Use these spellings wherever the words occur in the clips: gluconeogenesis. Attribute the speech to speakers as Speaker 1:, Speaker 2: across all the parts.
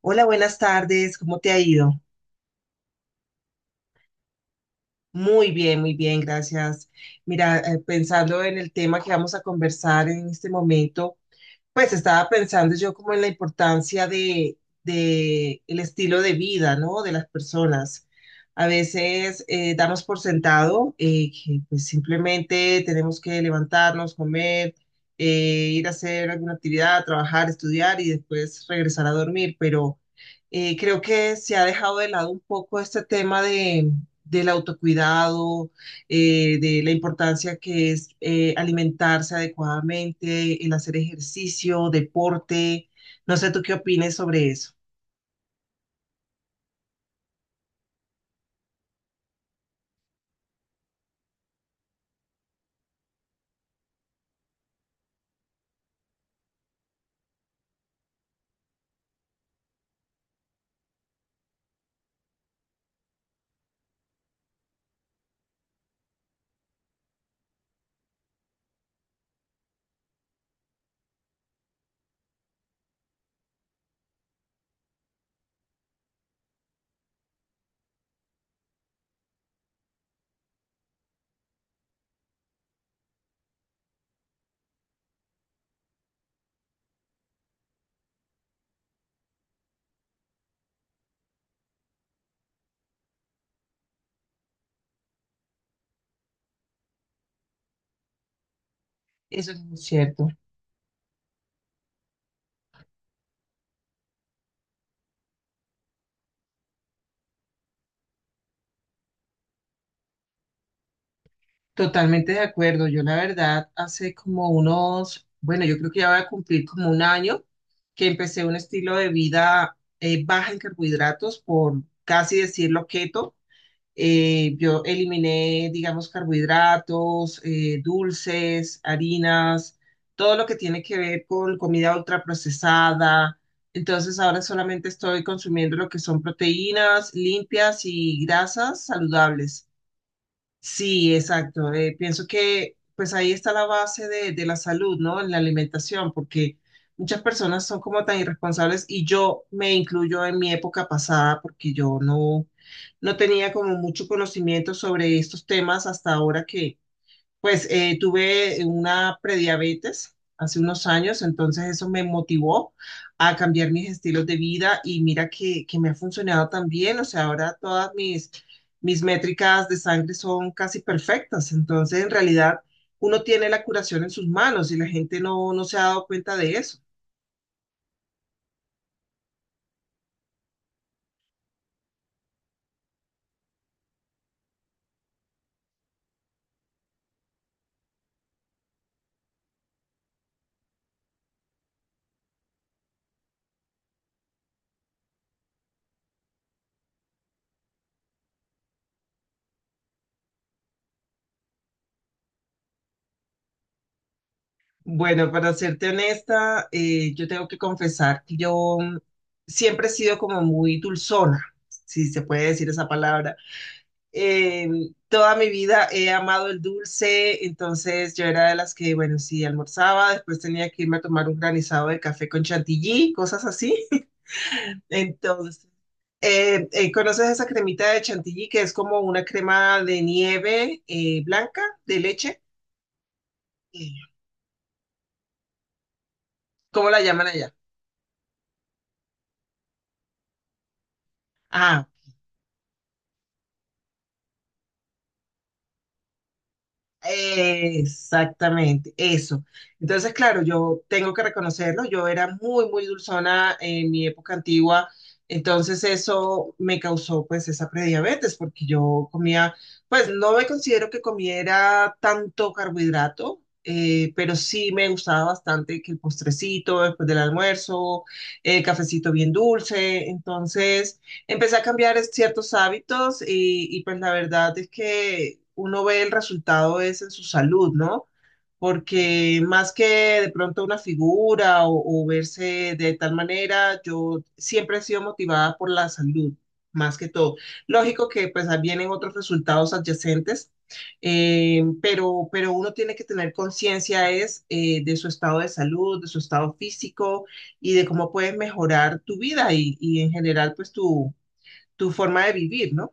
Speaker 1: Hola, buenas tardes, ¿cómo te ha ido? Muy bien, gracias. Mira, pensando en el tema que vamos a conversar en este momento, pues estaba pensando yo como en la importancia de el estilo de vida, ¿no? De las personas. A veces damos por sentado que pues, simplemente tenemos que levantarnos, comer, ir a hacer alguna actividad, trabajar, estudiar y después regresar a dormir. Pero creo que se ha dejado de lado un poco este tema de, del autocuidado, de la importancia que es alimentarse adecuadamente, el hacer ejercicio, deporte. No sé tú qué opines sobre eso. Eso es muy cierto. Totalmente de acuerdo. Yo la verdad hace como unos, bueno, yo creo que ya voy a cumplir como un año que empecé un estilo de vida baja en carbohidratos, por casi decirlo, keto. Yo eliminé, digamos, carbohidratos, dulces, harinas, todo lo que tiene que ver con comida ultraprocesada. Entonces ahora solamente estoy consumiendo lo que son proteínas limpias y grasas saludables. Sí, exacto. Pienso que pues ahí está la base de la salud, ¿no? En la alimentación, porque muchas personas son como tan irresponsables y yo me incluyo en mi época pasada porque yo no tenía como mucho conocimiento sobre estos temas hasta ahora que. Pues tuve una prediabetes hace unos años, entonces eso me motivó a cambiar mis estilos de vida y mira que me ha funcionado también, o sea, ahora todas mis, mis métricas de sangre son casi perfectas, entonces en realidad uno tiene la curación en sus manos y la gente no se ha dado cuenta de eso. Bueno, para serte honesta, yo tengo que confesar que yo siempre he sido como muy dulzona, si se puede decir esa palabra. Eh, toda mi vida he amado el dulce, entonces yo era de las que, bueno, sí, almorzaba, después tenía que irme a tomar un granizado de café con chantilly, cosas así. Entonces, ¿conoces esa cremita de chantilly que es como una crema de nieve blanca de leche? Eh, ¿Cómo la llaman allá? Ah, exactamente, eso. Entonces, claro, yo tengo que reconocerlo, yo era muy, muy dulzona en mi época antigua, entonces eso me causó pues esa prediabetes, porque yo comía, pues no me considero que comiera tanto carbohidrato, pero sí me gustaba bastante que el postrecito después del almuerzo, el cafecito bien dulce, entonces... empecé a cambiar ciertos hábitos y pues la verdad es que uno ve el resultado es en su salud, ¿no? Porque más que de pronto una figura o verse de tal manera, yo siempre he sido motivada por la salud, más que todo. Lógico que pues ahí vienen otros resultados adyacentes, pero uno tiene que tener conciencia es de su estado de salud, de su estado físico y de cómo puedes mejorar tu vida y en general pues tu tu forma de vivir, ¿no?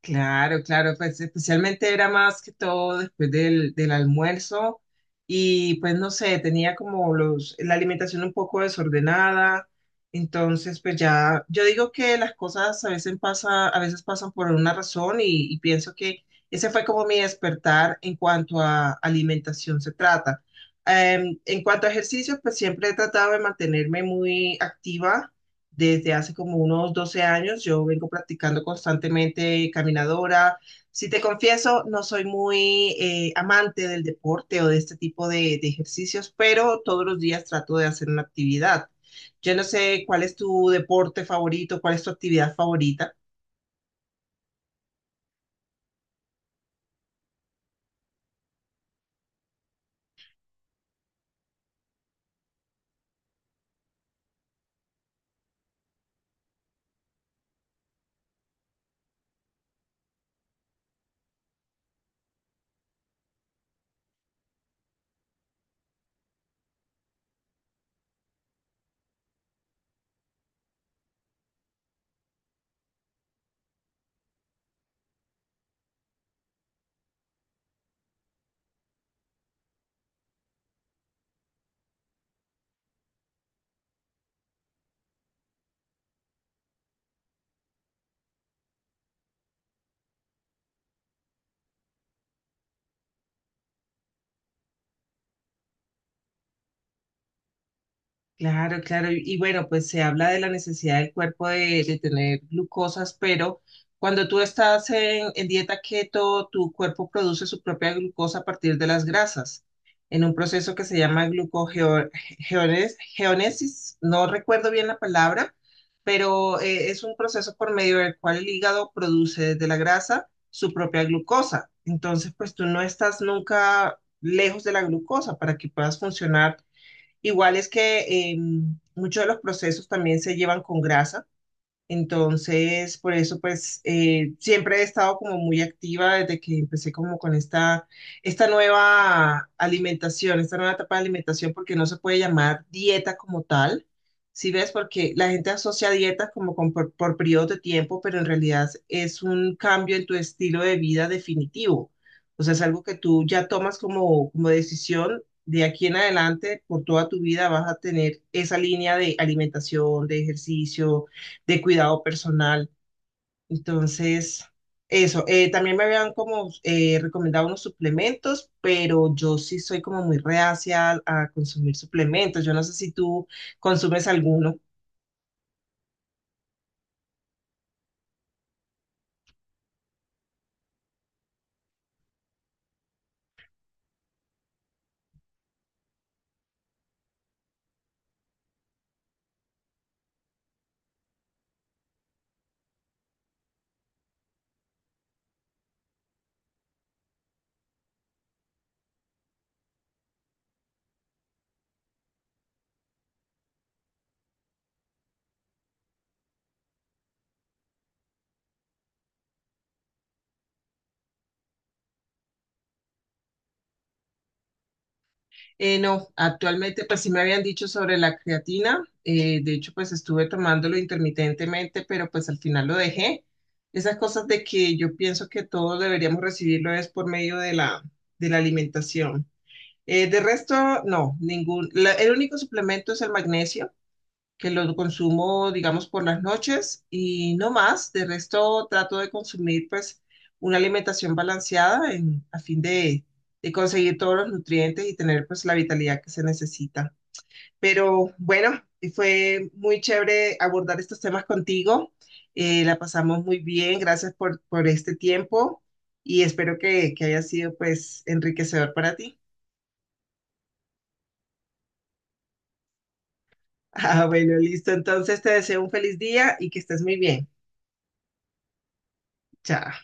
Speaker 1: Claro, claro, pues especialmente era más que todo después del almuerzo y pues no sé, tenía como los, la alimentación un poco desordenada, entonces pues ya, yo digo que las cosas a veces pasan por una razón y pienso que ese fue como mi despertar en cuanto a alimentación se trata. En cuanto a ejercicios, pues siempre he tratado de mantenerme muy activa. Desde hace como unos 12 años yo vengo practicando constantemente caminadora. Si te confieso, no soy muy amante del deporte o de este tipo de ejercicios, pero todos los días trato de hacer una actividad. Yo no sé cuál es tu deporte favorito, cuál es tu actividad favorita. Claro, claro. Y bueno, pues se habla de la necesidad del cuerpo de tener glucosas, pero cuando tú estás en dieta keto, tu cuerpo produce su propia glucosa a partir de las grasas, en un proceso que se llama glucogeonesis. No recuerdo bien la palabra, pero es un proceso por medio del cual el hígado produce de la grasa su propia glucosa. Entonces, pues tú no estás nunca lejos de la glucosa para que puedas funcionar. Igual es que eh, muchos de los procesos también se llevan con grasa, entonces, por eso, pues, siempre he estado como muy activa desde que empecé como con esta, esta nueva alimentación, esta nueva etapa de alimentación, porque no se puede llamar dieta como tal, ¿sí ves? Porque la gente asocia dietas como con, por periodos de tiempo, pero en realidad es un cambio en tu estilo de vida definitivo. O sea, es algo que tú ya tomas como, como decisión. De aquí en adelante, por toda tu vida, vas a tener esa línea de alimentación, de ejercicio, de cuidado personal. Entonces, eso. También me habían como recomendado unos suplementos, pero yo sí soy como muy reacia a consumir suplementos. Yo no sé si tú consumes alguno. No, actualmente pues sí me habían dicho sobre la creatina. De hecho, pues estuve tomándolo intermitentemente, pero pues al final lo dejé. Esas cosas de que yo pienso que todos deberíamos recibirlo es por medio de la alimentación. De resto, no, ningún. El único suplemento es el magnesio, que lo consumo, digamos, por las noches y no más. De resto, trato de consumir, pues, una alimentación balanceada a fin de conseguir todos los nutrientes y tener, pues, la vitalidad que se necesita. Pero bueno, fue muy chévere abordar estos temas contigo. La pasamos muy bien. Gracias por este tiempo y espero que haya sido, pues, enriquecedor para ti. Ah, bueno, listo. Entonces te deseo un feliz día y que estés muy bien. Chao.